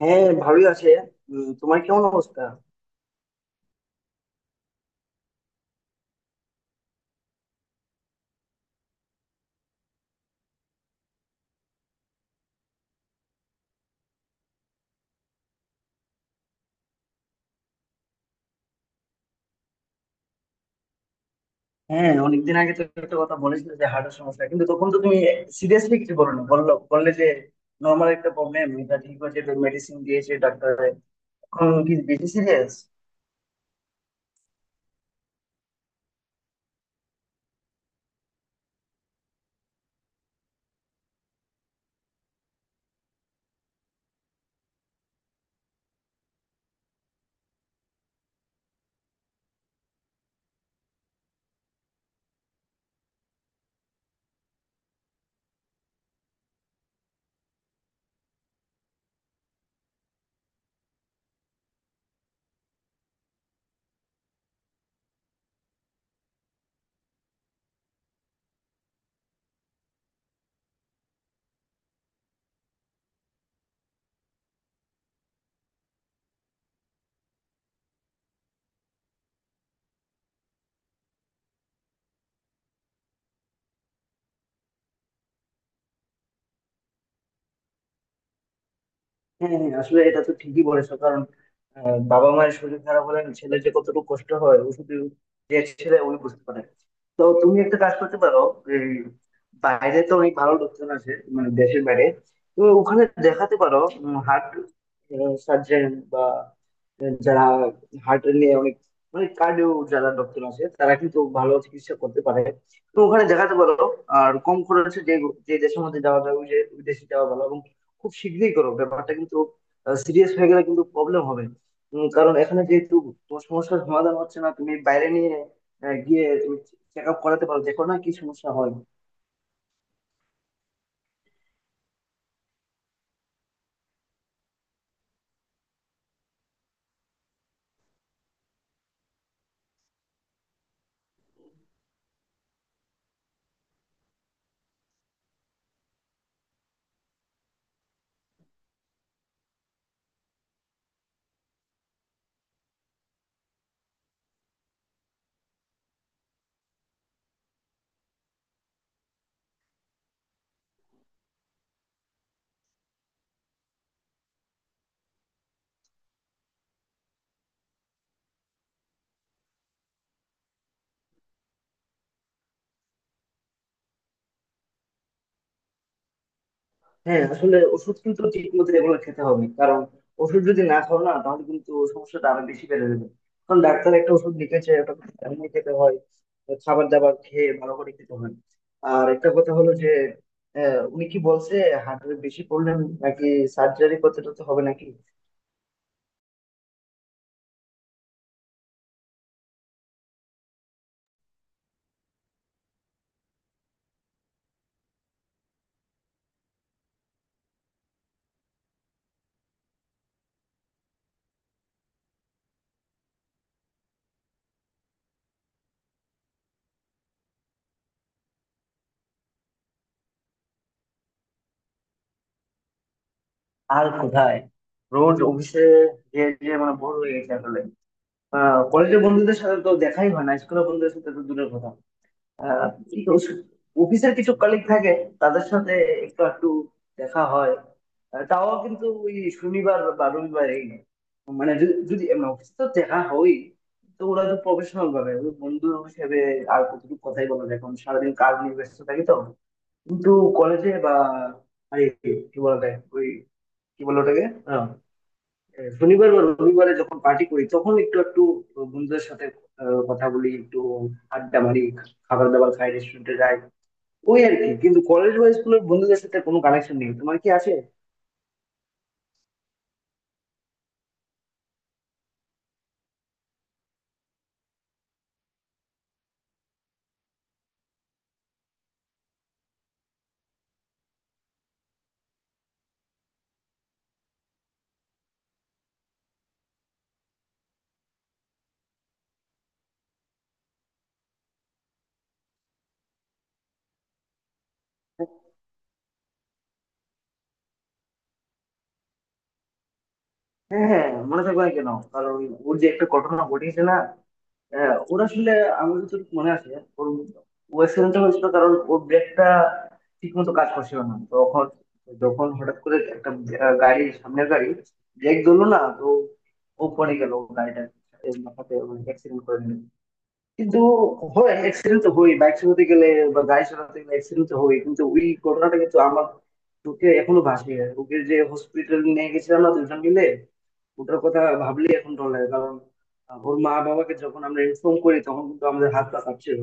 হ্যাঁ, ভালোই আছে। তোমার কেমন অবস্থা? হ্যাঁ, অনেকদিন আগে তো একটা কথা বলেছিলে যে হার্টের সমস্যা, কিন্তু তখন তো তুমি সিরিয়াসলি কিছু বলো না, বললে যে নর্মাল একটা প্রবলেম, এটা ঠিক হয়েছে, মেডিসিন দিয়েছে ডাক্তার। এখন কি বেশি সিরিয়াস? হ্যাঁ, হ্যাঁ, আসলে এটা তো ঠিকই বলেছো। কারণ বাবা মায়ের শরীর খারাপ হলে ছেলে যে কতটুকু কষ্ট হয় ও শুধু, যে ছেলে ওই বুঝতে পারে। তো তুমি একটা কাজ করতে পারো, এই বাইরে তো অনেক ভালো লোকজন আছে, মানে দেশের বাইরে, তো ওখানে দেখাতে পারো, হার্ট সার্জন বা যারা হার্ট নিয়ে অনেক, মানে কার্ডিও যারা ডক্টর আছে, তারা কিন্তু ভালো চিকিৎসা করতে পারে। তো ওখানে দেখাতে পারো, আর কম খরচে যে যে দেশের মধ্যে যাওয়া যায় ওই যে ওই দেশে যাওয়া ভালো। খুব শীঘ্রই করো ব্যাপারটা, কিন্তু সিরিয়াস হয়ে গেলে কিন্তু প্রবলেম হবে। কারণ এখানে যেহেতু তোমার সমস্যার সমাধান হচ্ছে না, তুমি বাইরে নিয়ে গিয়ে তুমি চেক আপ করাতে পারো, দেখো না কি সমস্যা হয়। হ্যাঁ, আসলে ওষুধ কিন্তু ঠিক মতো এগুলো খেতে হবে, কারণ ওষুধ যদি না খাও না, তাহলে কিন্তু সমস্যাটা আরো বেশি বেড়ে যাবে। কারণ ডাক্তার একটা ওষুধ লিখেছে, ওটা এমনি খেতে হয়, খাবার দাবার খেয়ে ভালো করে খেতে হয়। আর একটা কথা হলো যে উনি কি বলছে? হার্টের বেশি প্রবলেম, নাকি সার্জারি করতে টরতে হবে নাকি? আর কোথায়? রোজ অফিসে, যে যে মানে ভোর হয়ে গেছে আসলে। কলেজের বন্ধুদের সাথে তো দেখাই হয় না, স্কুলের বন্ধুদের সাথে তো দূরের কথা। কিন্তু অফিসের কিছু কলিগ থাকে, তাদের সাথে একটু একটু দেখা হয়। তাও কিন্তু ওই শনিবার বা রবিবারেই না। মানে যদি যদি এমনি অফিসে তো দেখা হয়, তো ওরা তো প্রফেশনাল ভাবে ওই বন্ধু হিসেবে আর কতটুকু কথাই বলা যায়, এখন সারাদিন কাজ নিয়ে ব্যস্ত থাকি তো। কিন্তু কলেজে বা আরে কি বলা যায় ওই, কি বলে ওটাকে, শনিবার বা রবিবারে যখন পার্টি করি তখন একটু একটু বন্ধুদের সাথে কথা বলি, একটু আড্ডা মারি, খাবার দাবার খাই, রেস্টুরেন্টে যাই। ওই আর কি, কিন্তু কলেজ বা স্কুলের বন্ধুদের সাথে কোনো কানেকশন নেই। তোমার কি আছে? হ্যাঁ, হ্যাঁ, হ্যাঁ, মনে থাকবে না কেন? কারণ ওর যে একটা ঘটনা ঘটিয়েছে না। হ্যাঁ, ওর আসলে আমার যতটুকু মনে আছে, ওর ও অ্যাক্সিডেন্টটা হয়েছিল কারণ ওর ব্রেকটা ঠিক মতো কাজ করছিল না। তখন যখন হঠাৎ করে একটা গাড়ি, সামনের গাড়ি ব্রেক ধরলো না, তো ও পড়ে গেল, গাড়িটা মাথাতে অ্যাক্সিডেন্ট করে নিল। কিন্তু হয়, অ্যাক্সিডেন্ট তো হয় বাইক চালাতে গেলে বা গাড়ি চালাতে গেলে। অ্যাক্সিডেন্ট তো হয়, কিন্তু ওই ঘটনাটা কিন্তু আমার চোখে এখনো ভাসে। ওকে যে হসপিটাল নিয়ে গেছিলাম না দুজন মিলে, ওটার কথা ভাবলেই এখন ডর লাগে। কারণ ওর মা বাবাকে যখন আমরা ইনফর্ম করি তখন কিন্তু আমাদের হাত পা কাঁপছিল।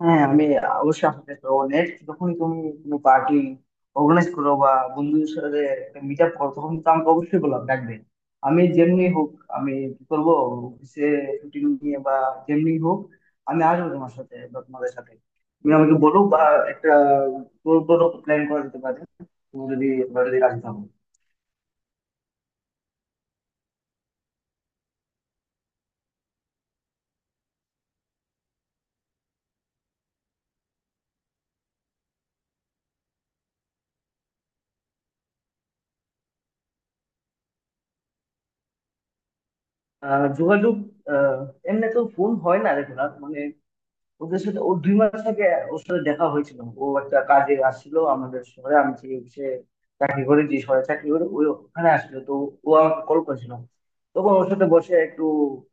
হ্যাঁ, আমি অবশ্যই। আপনাকে তো, নেক্সট যখন তুমি কোনো পার্টি অর্গানাইজ করো বা বন্ধুদের সাথে একটা মিট আপ করো, তখন তো আমাকে অবশ্যই বলো, ডাকবে। আমি যেমনি হোক, আমি কি করবো, অফিসে ছুটি নিয়ে বা যেমনি হোক আমি আসবো তোমার সাথে বা তোমাদের সাথে। তুমি আমাকে বলো বা একটা ট্যুর টুরও প্ল্যান করা যেতে পারে, তুমি যদি, তোমরা যদি রাজি থাকো। যোগাযোগ, আহ এমনি তো ফোন হয় না, দেখো না মানে ওদের সাথে। ও 2 মাস আগে, ওর সাথে দেখা হয়েছিল, ও একটা কাজে আসছিল আমাদের শহরে। আমি যে অফিসে চাকরি করি, যে শহরে চাকরি করি, ওই ওখানে আসছিল, তো ও আমাকে কল করেছিল। তখন ওর সাথে বসে একটু,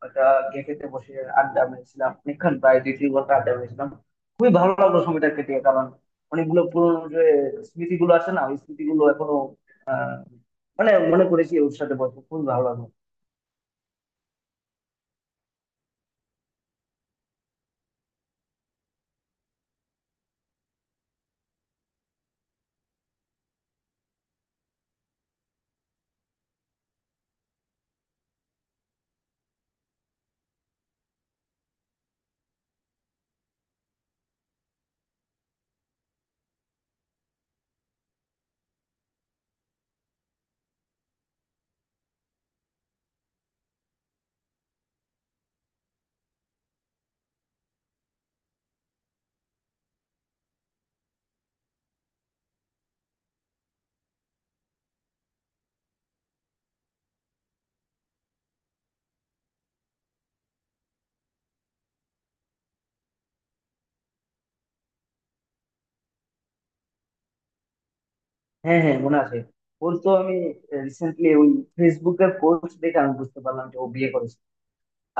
একটা ক্যাফেতে বসে আড্ডা মেরেছিলাম অনেকক্ষণ, প্রায় 2-3 ঘন্টা আড্ডা মেরেছিলাম। খুবই ভালো লাগলো সময়টা কেটে, কারণ অনেকগুলো পুরোনো যে স্মৃতিগুলো আছে না, ওই স্মৃতিগুলো এখনো আহ মানে মনে করেছি। ওর সাথে বসে খুবই ভালো লাগলো। হ্যাঁ, হ্যাঁ, মনে আছে। ওর তো আমি রিসেন্টলি ওই ফেসবুকের পোস্ট দেখে আমি বুঝতে পারলাম যে ও বিয়ে করেছে।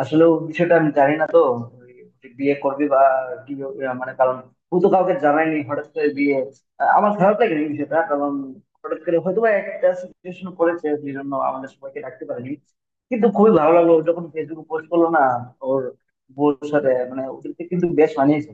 আসলে ও বিষয়টা আমি জানি না তো, ওই যে বিয়ে করবে বা কি মানে কারণ ও তো কাউকে জানায়নি হঠাৎ করে বিয়ে। আমার খারাপ লাগে এই বিষয়টা, কারণ হঠাৎ করে হয়তো বা একটা সিচুয়েশন করেছে, সেই জন্য আমাদের সবাইকে রাখতে পারেনি। কিন্তু খুবই ভালো লাগলো ও যখন ফেসবুকে পোস্ট করলো না, ওর বউর সাথে, মানে ওদেরকে কিন্তু বেশ মানিয়েছে।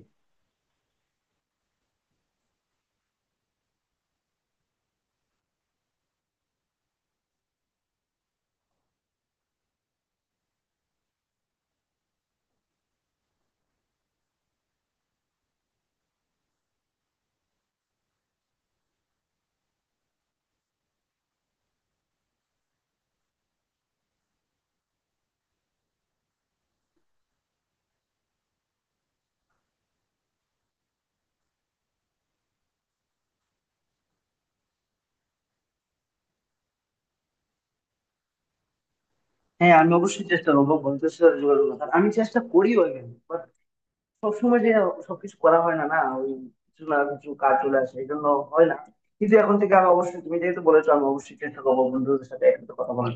হ্যাঁ, আমি অবশ্যই চেষ্টা করবো বন্ধুদের সাথে যোগাযোগ রাখার, আমি চেষ্টা করিও। সবসময় যে সবকিছু করা হয় না না, ওই কিছু না কিছু কাজ চলে আসে, এই জন্য হয় না। কিন্তু এখন থেকে আমি অবশ্যই, তুমি যেহেতু বলেছো আমি অবশ্যই চেষ্টা করবো বন্ধুদের সাথে একসাথে কথা বলার।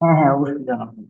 হ্যাঁ, হ্যাঁ, অবশ্যই জানাবো।